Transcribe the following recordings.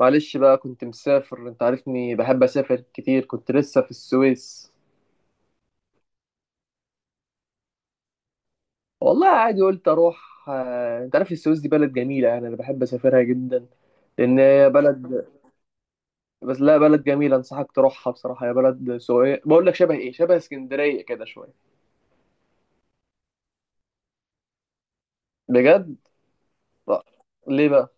معلش بقى، كنت مسافر. انت عارفني بحب اسافر كتير. كنت لسه في السويس. والله عادي، قلت اروح. انت عارف السويس دي بلد جميلة، يعني انا بحب اسافرها جدا. لان هي بلد بس لا، بلد جميلة، انصحك تروحها. بصراحة هي بلد سوية، بقول لك شبه ايه، شبه اسكندرية كده شوية. بجد. لا. ليه بقى؟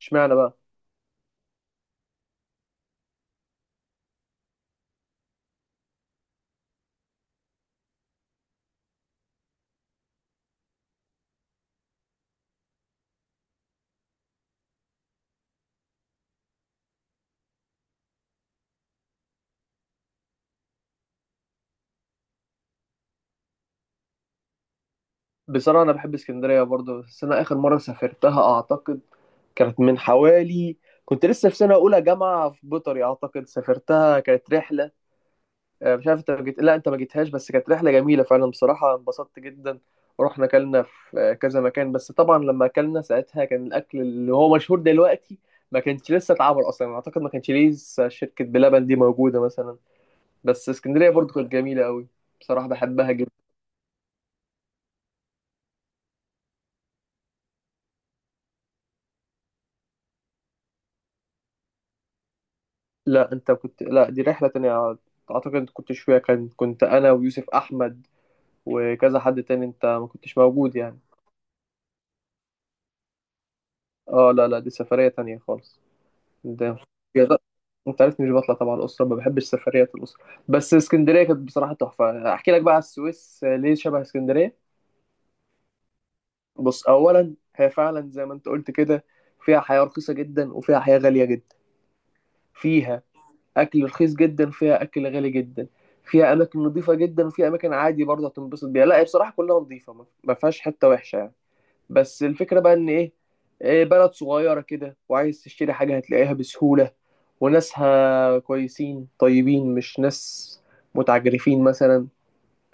اشمعنى بقى؟ بصراحة انا بحب اسكندرية برضه، بس انا اخر مرة سافرتها اعتقد كانت من حوالي، كنت لسه في سنة أولى جامعة في بيطري، أعتقد سافرتها. كانت رحلة، مش عارف انت ما جيت، لا انت ما جيتهاش، بس كانت رحله جميله فعلا. بصراحه انبسطت جدا، ورحنا اكلنا في كذا مكان. بس طبعا لما اكلنا ساعتها، كان الاكل اللي هو مشهور دلوقتي ما كانش لسه اتعمل اصلا. اعتقد ما كانش لسه شركه بلبن دي موجوده مثلا. بس اسكندريه برضو كانت جميله قوي. بصراحه بحبها جدا. لا انت كنت، لا دي رحله تانية. اعتقد انت كنتش فيها، كان كنت انا ويوسف احمد وكذا حد تاني. انت ما كنتش موجود يعني. اه، لا لا، دي سفريه تانية خالص. ده يض- انت عارف مش بطلع طبعا الاسره، ما بحبش سفريات الاسره. بس اسكندريه كانت بصراحه تحفه. احكي لك بقى على السويس، ليه شبه اسكندريه. بص اولا، هي فعلا زي ما انت قلت كده، فيها حياه رخيصه جدا وفيها حياه غاليه جدا. فيها اكل رخيص جدا، فيها اكل غالي جدا. فيها اماكن نظيفه جدا، وفيها اماكن عادي برضه هتنبسط بيها. لا هي بصراحه كلها نظيفه، ما فيهاش حته وحشه يعني. بس الفكرة بقى إن إيه، بلد صغيرة كده، وعايز تشتري حاجة هتلاقيها بسهولة. وناسها كويسين طيبين، مش ناس متعجرفين مثلا.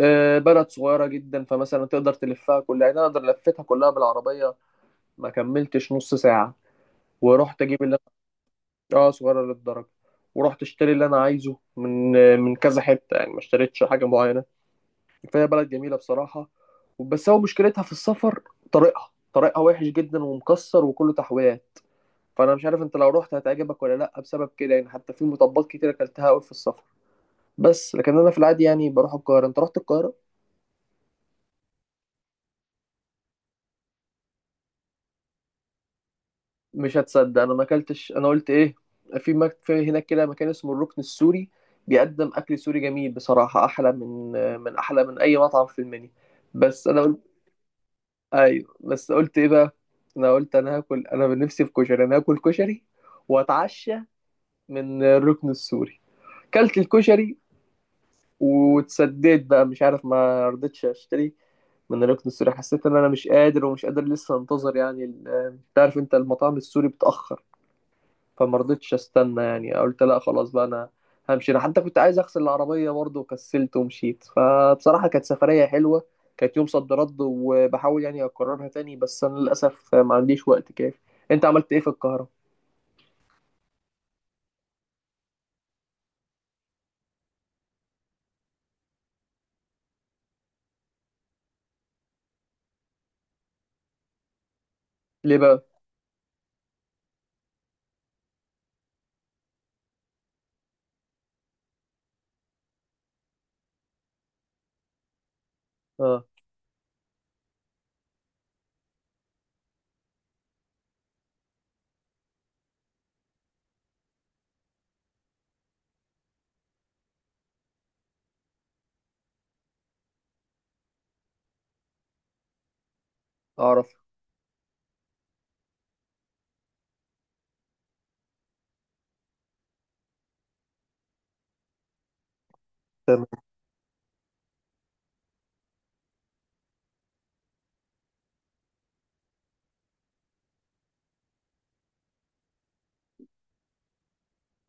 إيه، بلد صغيرة جدا، فمثلا تقدر تلفها كلها. يعني أنا أقدر لفتها كلها بالعربية، ما كملتش نص ساعة. ورحت أجيب اللي أنا، آه صغيرة للدرجة، ورحت اشتري اللي أنا عايزه من من كذا حتة يعني. ما اشتريتش حاجة معينة. فهي بلد جميله بصراحه. بس هو مشكلتها في السفر. طريقها وحش جدا ومكسر وكله تحويات. فانا مش عارف انت لو رحت هتعجبك ولا لا، بسبب كده يعني. حتى في مطبات كتير اكلتها قوي في السفر. بس لكن انا في العادي يعني بروح القاهره. انت رحت القاهره؟ مش هتصدق، انا ما اكلتش. انا قلت ايه، في في هناك كده مكان اسمه الركن السوري، بيقدم اكل سوري جميل بصراحه. احلى من، احلى من اي مطعم في المنيو. بس انا، ايوه بس قلت ايه بقى، انا قلت انا هاكل، انا بنفسي في كشري. انا هاكل كشري، واتعشى من الركن السوري. كلت الكشري، واتسديت بقى. مش عارف، ما رضيتش اشتري من الركن السوري. حسيت ان انا مش قادر، ومش قادر لسه انتظر يعني. تعرف انت المطاعم السوري بتأخر. فما رضيتش استنى يعني، قلت لا خلاص بقى انا همشي. انا حتى كنت عايز اغسل العربيه برضه وكسلت ومشيت. فبصراحه كانت سفريه حلوه، كانت يوم صد رد، وبحاول يعني اكررها تاني، بس انا للاسف ما عنديش وقت كافي. انت عملت ايه في القاهره؟ ليه بقى؟ اه، اعرف. تمام.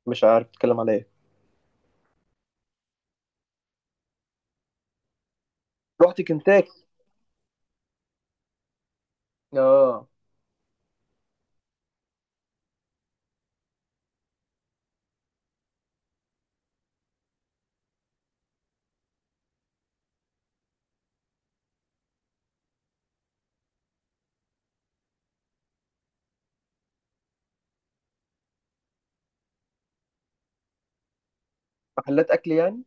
مش عارف تتكلم على ايه. رحت كنتاكي. اه. محلات اكل يعني.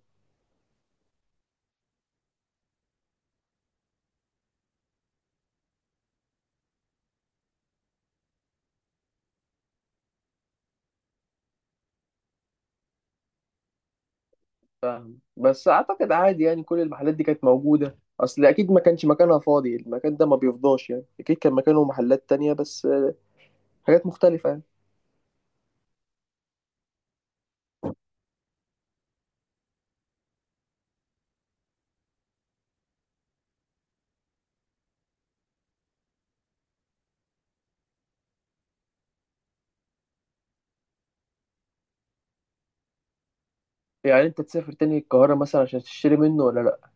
فاهم، بس اعتقد عادي يعني. كل المحلات دي كانت موجوده اصل، اكيد ما كانش مكانها فاضي، المكان ده ما بيفضاش يعني. اكيد كان مكانه محلات تانية، بس حاجات مختلفة يعني. يعني انت تسافر تاني القاهرة مثلا عشان تشتري منه ولا لا؟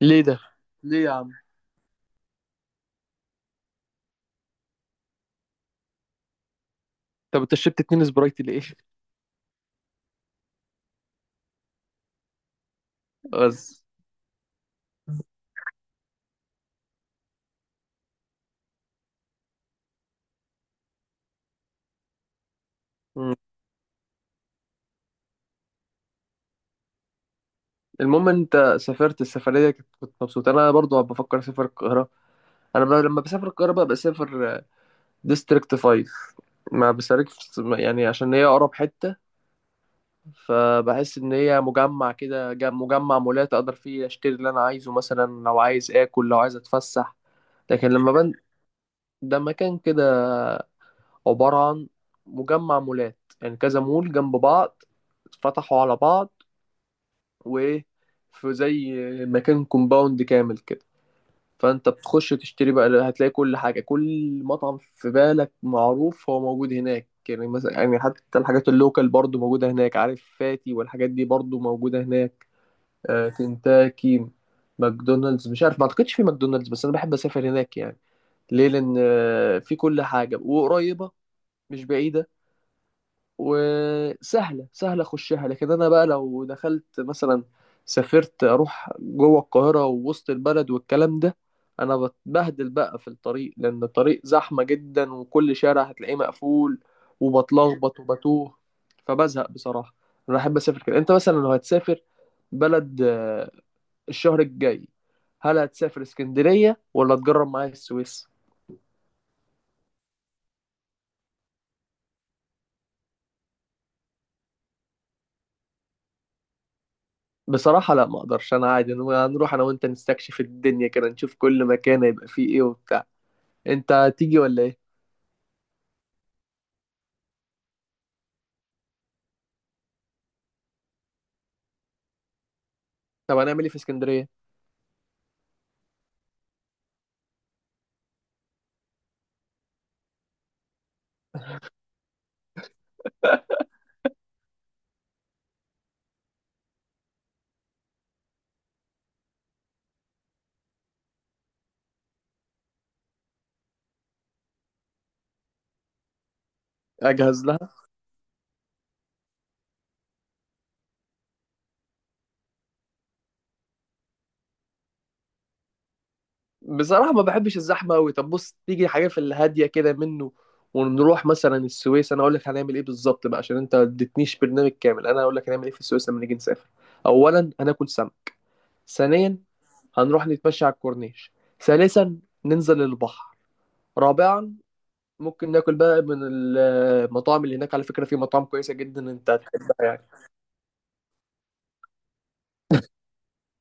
ليه ده؟ ليه يا عم؟ طب انت شربت اتنين سبرايت ليه؟ بس. مم. المهم انت سافرت السفرية، كنت مبسوط. انا برضو بفكر اسافر القاهرة. لما بسافر القاهرة بقى بسافر ديستريكت 5، ما بسافرش. يعني عشان هي اقرب حتة، فبحس ان هي مجمع كده، مجمع مولات اقدر فيه اشتري اللي انا عايزه مثلا، لو عايز اكل، لو عايز اتفسح. لكن لما ده مكان كده عبارة عن مجمع مولات، يعني كذا مول جنب بعض اتفتحوا على بعض، وإيه، في زي مكان كومباوند كامل كده. فأنت بتخش تشتري بقى، هتلاقي كل حاجة، كل مطعم في بالك معروف هو موجود هناك. يعني مثلا يعني حتى الحاجات اللوكال برضو موجودة هناك، عارف فاتي والحاجات دي برضو موجودة هناك. آه كنتاكي، ماكدونالدز، مش عارف، ما اعتقدش في ماكدونالدز. بس انا بحب اسافر هناك يعني. ليه؟ لان في كل حاجة وقريبة، مش بعيدة، وسهله اخشها. لكن انا بقى لو دخلت مثلا، سافرت اروح جوه القاهره ووسط البلد والكلام ده، انا بتبهدل بقى في الطريق، لان الطريق زحمه جدا وكل شارع هتلاقيه مقفول، وبتلخبط وبتوه. فبزهق بصراحه. انا احب اسافر كده. انت مثلا لو هتسافر بلد، الشهر الجاي، هل هتسافر اسكندريه ولا تجرب معايا السويس؟ بصراحة لا ما اقدرش، انا عادي. هنروح انا وانت نستكشف الدنيا كده، نشوف كل مكان هيبقى فيه ايه وبتاع. انت تيجي ولا ايه؟ طب هنعمل ايه في اسكندرية؟ اجهز لها. بصراحة ما بحبش الزحمة قوي. طب بص، تيجي حاجة في الهادية كده منه، ونروح مثلا السويس. انا اقول لك هنعمل ايه بالظبط بقى، عشان انت ما اديتنيش برنامج كامل. انا اقول لك هنعمل ايه في السويس لما نيجي نسافر. اولا هناكل سمك. ثانيا هنروح نتمشى على الكورنيش. ثالثا ننزل البحر. رابعا ممكن ناكل بقى من المطاعم اللي هناك. على فكرة في مطاعم كويسة جدا انت هتحبها يعني.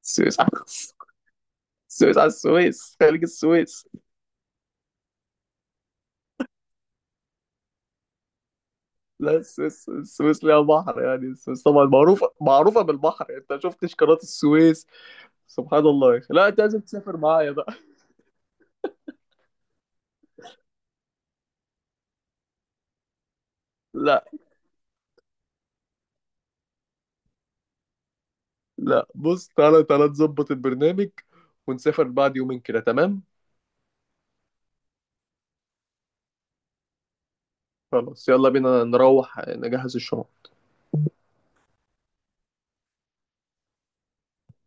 السويس على السويس خليج السويس. لا، السويس، ليها بحر يعني. السويس طبعا معروفة، بالبحر. انت شفتش قناة السويس؟ سبحان الله يا اخي، لا انت لازم تسافر معايا بقى. لا لا، بص تعالى تعالى، نظبط البرنامج ونسافر بعد يومين كده، تمام؟ خلاص، يلا بينا نروح نجهز الشنط.